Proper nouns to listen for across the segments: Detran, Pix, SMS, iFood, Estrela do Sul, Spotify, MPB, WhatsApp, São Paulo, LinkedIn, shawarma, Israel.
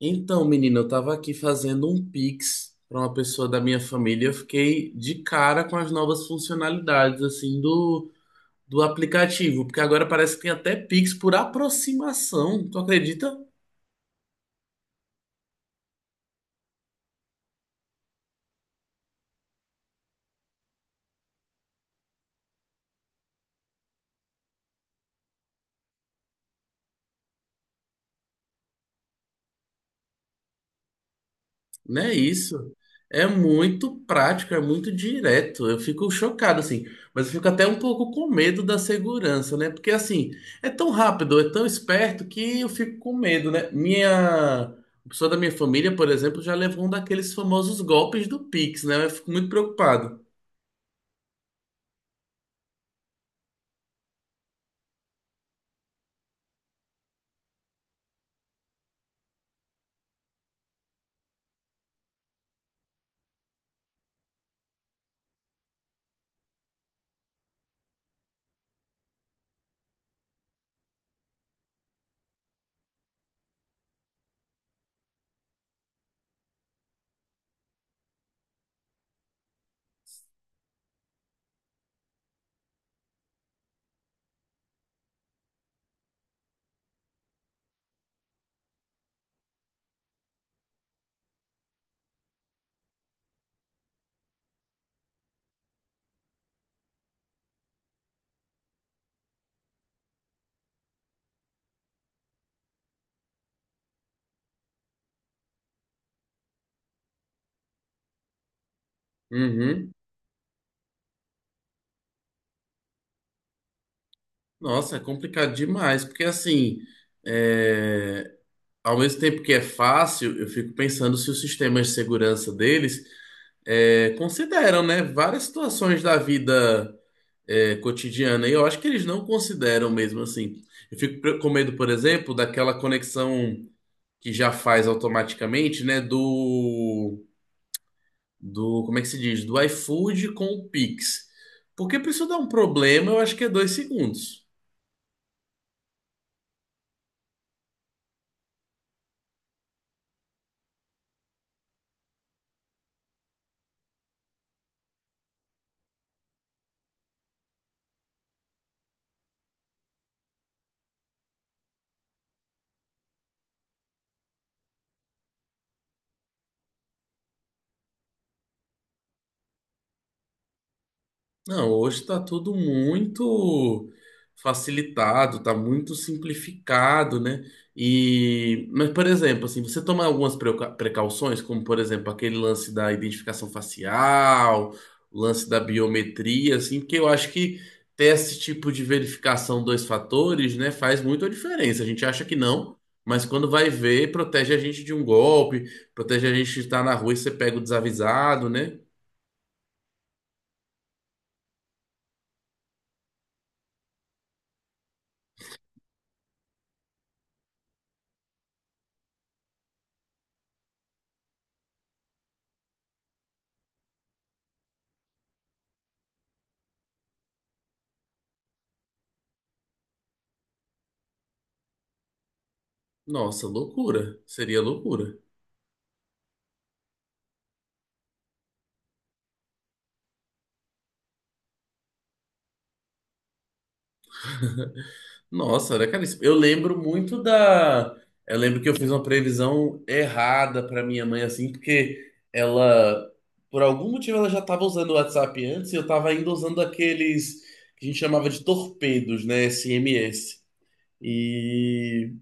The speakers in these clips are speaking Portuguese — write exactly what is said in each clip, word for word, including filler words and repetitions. Então, menina, eu tava aqui fazendo um Pix para uma pessoa da minha família. Eu fiquei de cara com as novas funcionalidades assim do do aplicativo, porque agora parece que tem até Pix por aproximação. Tu acredita? Não é isso. É muito prático, é muito direto. Eu fico chocado, assim. Mas eu fico até um pouco com medo da segurança, né? Porque, assim, é tão rápido, é tão esperto que eu fico com medo, né? Minha. Uma pessoa da minha família, por exemplo, já levou um daqueles famosos golpes do Pix, né? Eu fico muito preocupado. Uhum. Nossa, é complicado demais, porque assim, é, ao mesmo tempo que é fácil, eu fico pensando se os sistemas de segurança deles é, consideram, né, várias situações da vida é, cotidiana. E eu acho que eles não consideram mesmo assim. Eu fico pre- com medo, por exemplo, daquela conexão que já faz automaticamente, né, do, do, como é que se diz? Do iFood com o Pix. Porque para isso dar um problema, eu acho que é dois segundos. Não, hoje está tudo muito facilitado, está muito simplificado, né? E, mas, por exemplo, assim, você toma algumas preuca- precauções, como, por exemplo, aquele lance da identificação facial, o lance da biometria, assim, porque eu acho que ter esse tipo de verificação dois fatores, né, faz muita diferença. A gente acha que não, mas quando vai ver, protege a gente de um golpe, protege a gente de estar na rua e você pega o desavisado, né? Nossa, loucura. Seria loucura. Nossa, era caríssimo. Eu lembro muito da. Eu lembro que eu fiz uma previsão errada pra minha mãe, assim, porque ela, por algum motivo, ela já tava usando o WhatsApp antes e eu tava ainda usando aqueles que a gente chamava de torpedos, né? S M S. E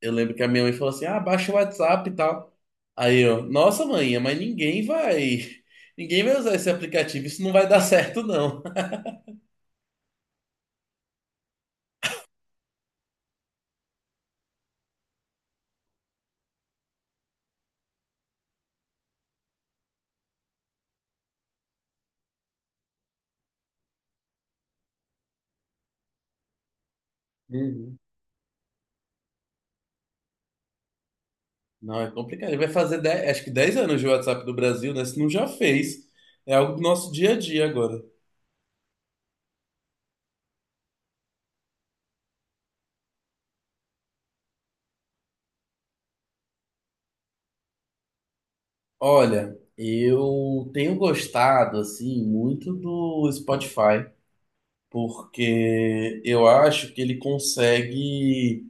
eu lembro que a minha mãe falou assim: ah, baixa o WhatsApp e tal. Aí eu, nossa, mãe, mas ninguém vai. Ninguém vai usar esse aplicativo, isso não vai dar certo, não. Uhum. Não, é complicado. Ele vai fazer dez, acho que dez anos de WhatsApp do Brasil, né? Se não já fez. É algo do nosso dia a dia agora. Olha, eu tenho gostado, assim, muito do Spotify, porque eu acho que ele consegue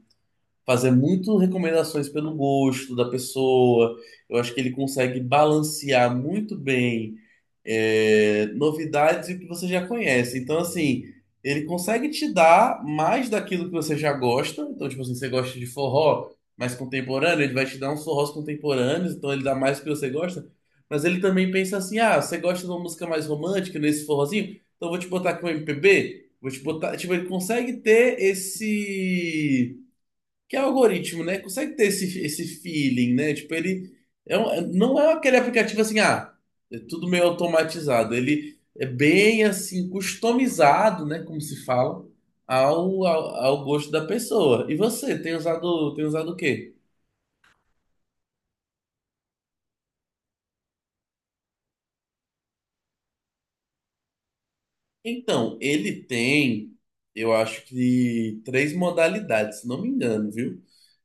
fazer muito recomendações pelo gosto da pessoa. Eu acho que ele consegue balancear muito bem é, novidades e o que você já conhece. Então, assim, ele consegue te dar mais daquilo que você já gosta. Então, tipo assim, você gosta de forró mais contemporâneo, ele vai te dar uns forrós contemporâneos, então ele dá mais do que você gosta. Mas ele também pensa assim: ah, você gosta de uma música mais romântica nesse forrozinho? Então eu vou te botar aqui um M P B, vou te botar. Tipo, ele consegue ter esse que é o algoritmo, né? Consegue ter esse, esse feeling, né? Tipo, ele é um- é- não é aquele aplicativo assim, ah, é tudo meio automatizado. Ele é bem assim, customizado, né? Como se fala, ao, ao, ao gosto da pessoa. E você, tem usado, tem usado o quê? Então, ele tem, eu acho que três modalidades, se não me engano, viu?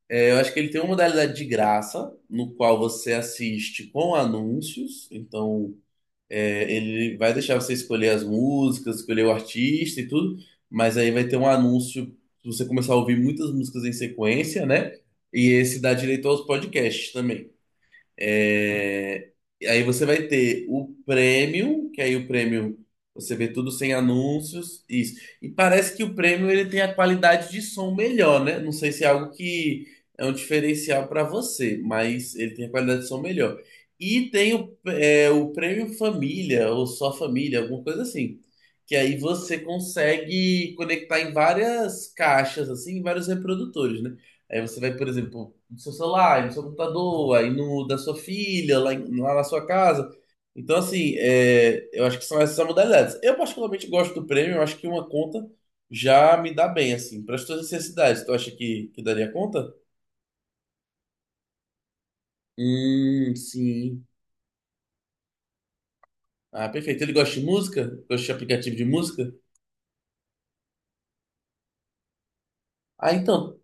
É, eu acho que ele tem uma modalidade de graça, no qual você assiste com anúncios, então. É, ele vai deixar você escolher as músicas, escolher o artista e tudo, mas aí vai ter um anúncio, se você começar a ouvir muitas músicas em sequência, né? E esse dá direito aos podcasts também. É, Aí você vai ter o prêmio, que aí o prêmio você vê tudo sem anúncios, isso. E parece que o prêmio ele tem a qualidade de som melhor, né? Não sei se é algo que é um diferencial para você, mas ele tem a qualidade de som melhor. E tem o, é, o prêmio família, ou só família, alguma coisa assim. Que aí você consegue conectar em várias caixas, assim, em vários reprodutores, né? Aí você vai, por exemplo, no seu celular, aí no seu computador, aí no da sua filha, lá, em- lá na sua casa. Então, assim, é, eu acho que são essas as modalidades. Eu particularmente gosto do prêmio, eu acho que uma conta já me dá bem, assim, para as tuas necessidades. Tu acha que, que daria conta? Hum, sim. Ah, perfeito. Ele gosta de música? Gosta de aplicativo de música? Ah, então.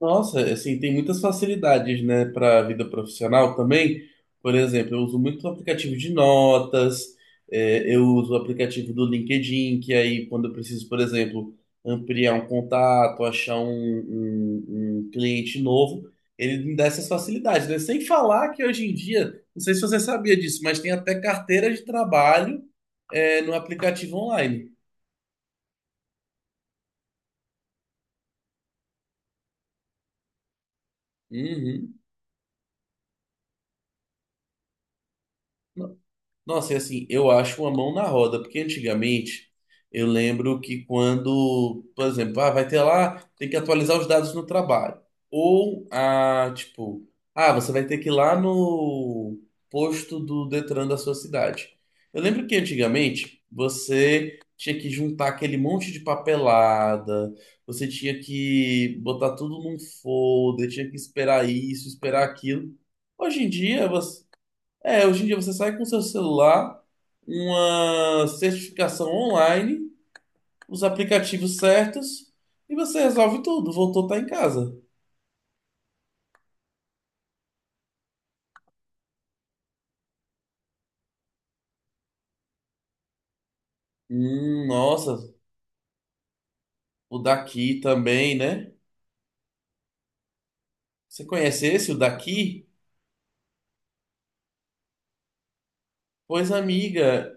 Nossa, assim, tem muitas facilidades, né, para a vida profissional também. Por exemplo, eu uso muito o aplicativo de notas, é, eu uso o aplicativo do LinkedIn, que aí quando eu preciso, por exemplo, ampliar um contato, achar um, um- um cliente novo, ele me dá essas facilidades, né? Sem falar que hoje em dia, não sei se você sabia disso, mas tem até carteira de trabalho, é, no aplicativo online. Uhum. Nossa, e assim, eu acho uma mão na roda, porque antigamente eu lembro que quando, por exemplo, ah, vai ter lá, tem que atualizar os dados no trabalho. Ou, ah, tipo, ah, você vai ter que ir lá no posto do Detran da sua cidade. Eu lembro que antigamente você tinha que juntar aquele monte de papelada, você tinha que botar tudo num folder, tinha que esperar isso, esperar aquilo. Hoje em dia, você é, hoje em dia você sai com seu celular, uma certificação online, os aplicativos certos e você resolve tudo. Voltou, tá em casa. Hum, nossa, o daqui também, né? Você conhece esse, o daqui? Pois amiga,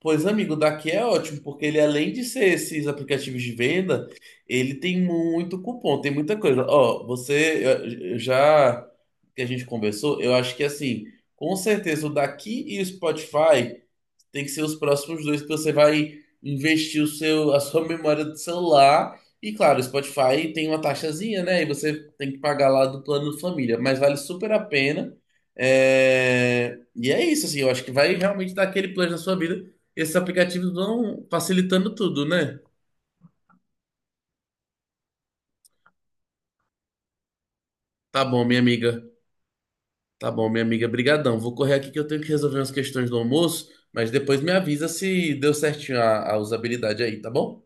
pois amigo, o daqui é ótimo, porque ele além de ser esses aplicativos de venda, ele tem muito cupom, tem muita coisa. Ó, você eu- eu já que a gente conversou, eu acho que assim, com certeza o daqui e o Spotify tem que ser os próximos dois que você vai investir o seu, a sua memória do celular. E claro, o Spotify tem uma taxazinha, né? E você tem que pagar lá do plano família, mas vale super a pena. É, E é isso, assim, eu acho que vai realmente dar aquele plano na sua vida. Esses aplicativos vão facilitando tudo, né? Tá bom, minha amiga. Tá bom, minha amiga. Brigadão. Vou correr aqui que eu tenho que resolver umas questões do almoço, mas depois me avisa se deu certinho a a usabilidade aí, tá bom?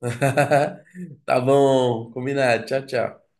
Tá bom, combinado. Tchau, tchau.